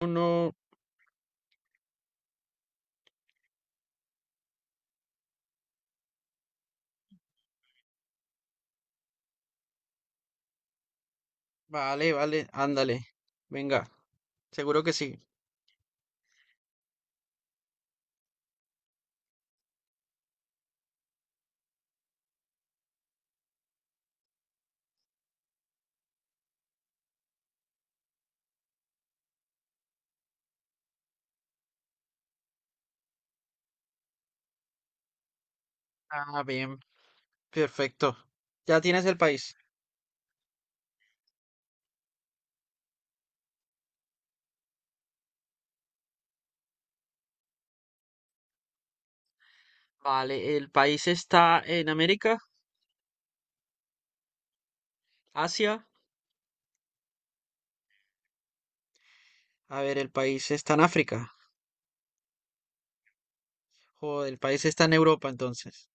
Uno, vale, vale, ándale. Venga, seguro que sí. Ah, bien, perfecto. ¿Ya tienes el país? Vale, el país está en América, Asia. A ver, el país está en África. Joder, el país está en Europa entonces.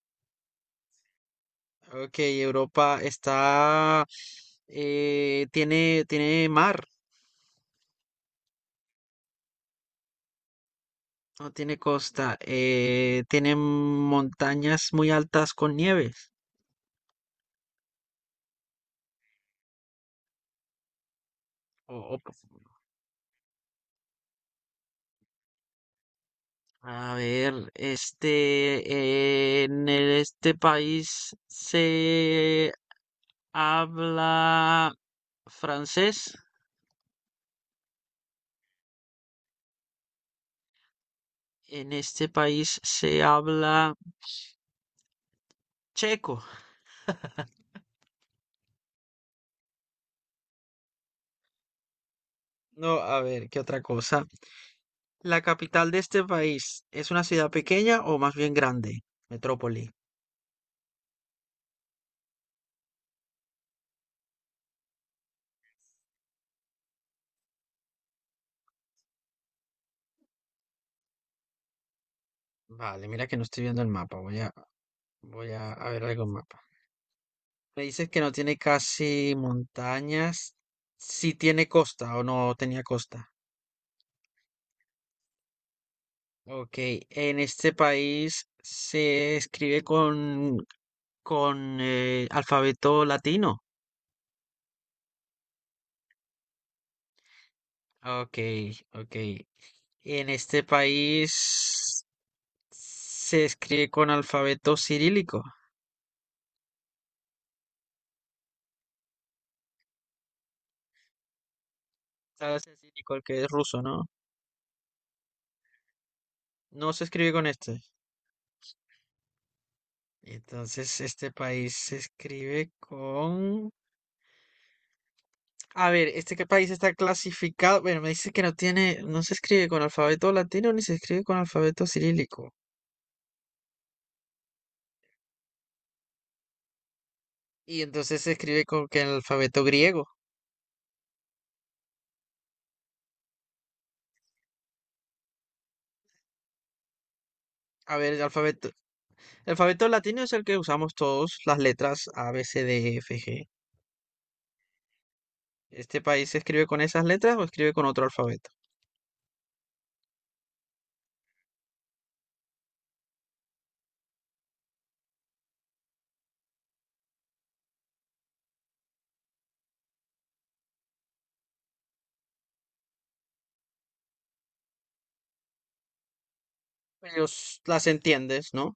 Ok, Europa está... tiene, tiene mar, no tiene costa. Tiene montañas muy altas con nieves. O, o- A ver, en este país se habla francés, en este país se habla checo. No, a ver, ¿qué otra cosa? ¿La capital de este país es una ciudad pequeña o más bien grande? Metrópoli. Vale, mira que no estoy viendo el mapa, voy a ver algo en mapa. Me dices que no tiene casi montañas, si tiene costa o no tenía costa. Ok, en este país se escribe con alfabeto latino. Ok, ok. En este país se escribe con alfabeto cirílico. ¿Sabes el cirílico, el que es ruso, no? No se escribe con este. Entonces, este país se escribe con... A ver, ¿este qué país está clasificado? Bueno, me dice que no tiene, no se escribe con alfabeto latino ni se escribe con alfabeto cirílico. Y entonces se escribe con que el alfabeto griego. A ver, el alfabeto latino es el que usamos todos, las letras A, B, C, D, E, F, G. ¿Este país se escribe con esas letras o escribe con otro alfabeto? Ellos las entiendes, ¿no?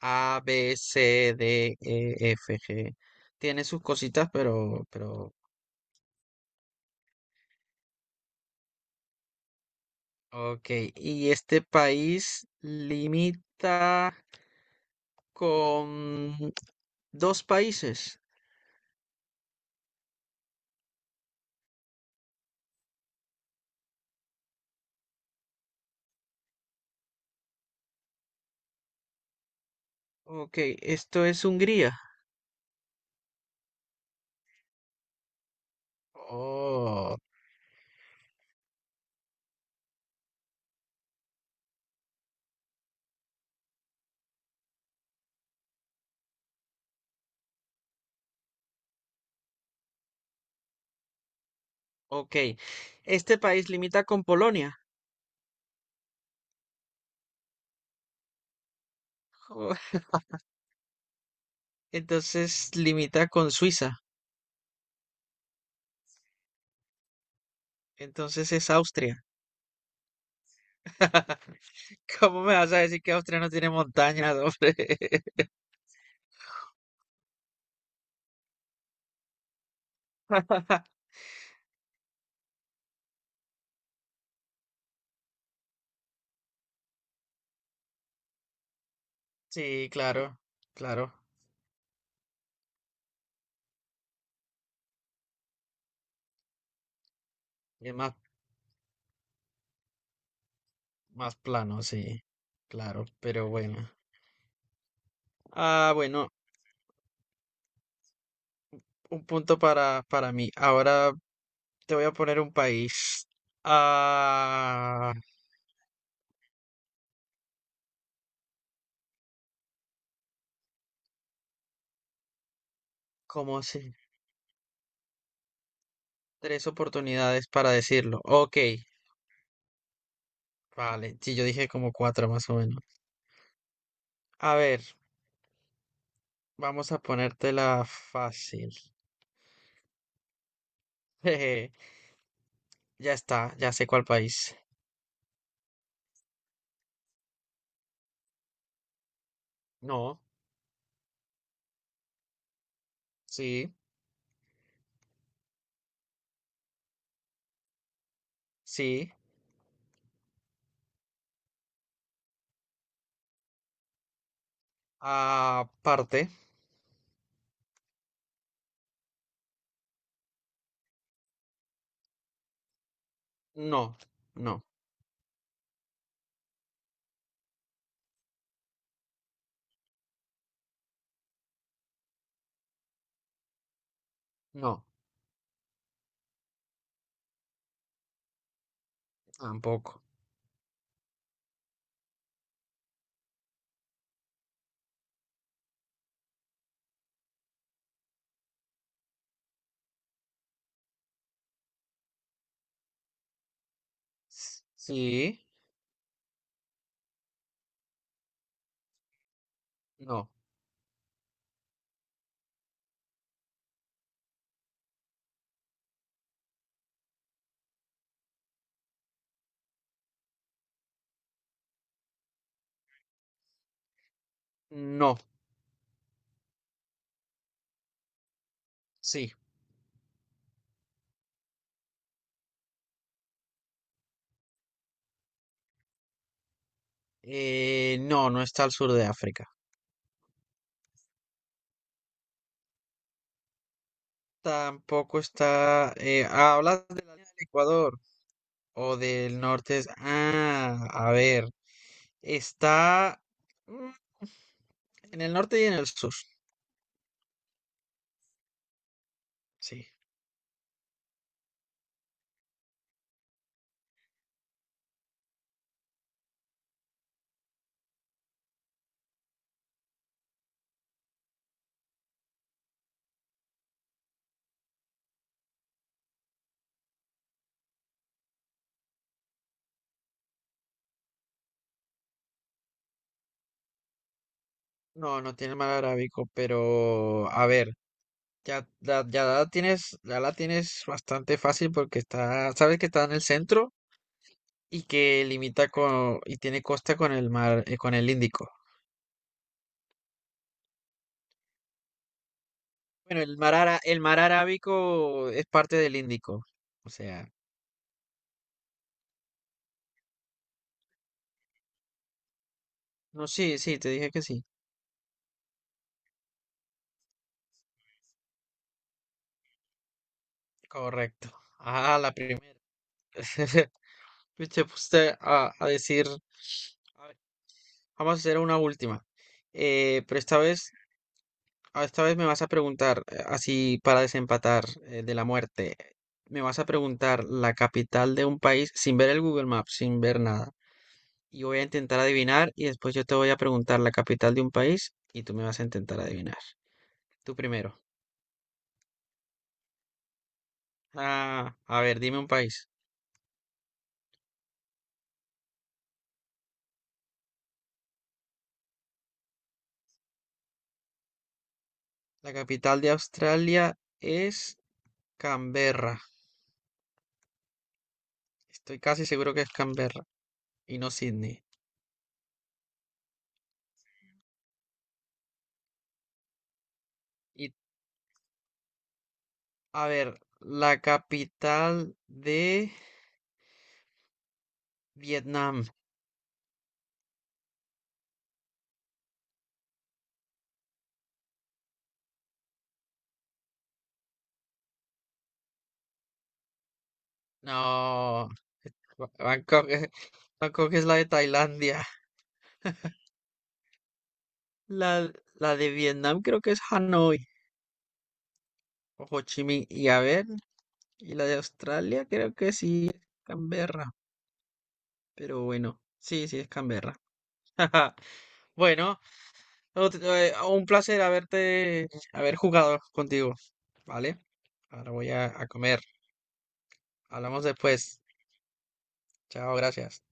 A, B, C, D, E, F, G. Tiene sus cositas, pero, ok. Y este país limita con dos países. Ok, esto es Hungría. Oh, ok. Este país limita con Polonia. Oh, entonces limita con Suiza. Entonces es Austria. ¿Cómo me vas a decir que Austria no tiene montañas, hombre? Sí, claro, claro. Es más, más plano, sí, claro, pero bueno. Ah, bueno, un punto para mí. Ahora te voy a poner un país. Ah, ¿cómo se? Tres oportunidades para decirlo. Ok, vale. Sí, yo dije como cuatro más o menos. A ver, vamos a ponértela fácil. Ya está, ya sé cuál país. No, sí, sí. Aparte, no, no, no, tampoco. S- Sí, no, no, sí. No, no está al sur de África. Tampoco está... ah, hablas de la línea del Ecuador o del norte. Ah, a ver. Está mm, en el norte y en el sur. Sí. No, no tiene el mar Arábico, pero a ver, ya, ya la tienes bastante fácil porque está, sabes que está en el centro y que limita con, y tiene costa con el mar, con el Índico. Bueno, el mar Arábico es parte del Índico. O sea, no, sí, sí, te dije que sí. Correcto. Ah, la primera. Pues te puse a decir. A ver, vamos a hacer una última. Pero esta vez, esta vez me vas a preguntar, así para desempatar de la muerte, me vas a preguntar la capital de un país sin ver el Google Maps, sin ver nada. Y voy a intentar adivinar y después yo te voy a preguntar la capital de un país y tú me vas a intentar adivinar. Tú primero. Ah, a ver, dime un país. La capital de Australia es Canberra. Estoy casi seguro que es Canberra y no Sydney. Y a ver, la capital de Vietnam. No, Bangkok, Bangkok es la de Tailandia. La de Vietnam creo que es Hanoi o Ho Chi Minh. Y a ver, y la de Australia creo que sí es Canberra. Pero bueno, sí, sí es Canberra. Bueno, no, un placer haberte, haber jugado contigo, ¿vale? Ahora voy a comer. Hablamos después. Chao, gracias.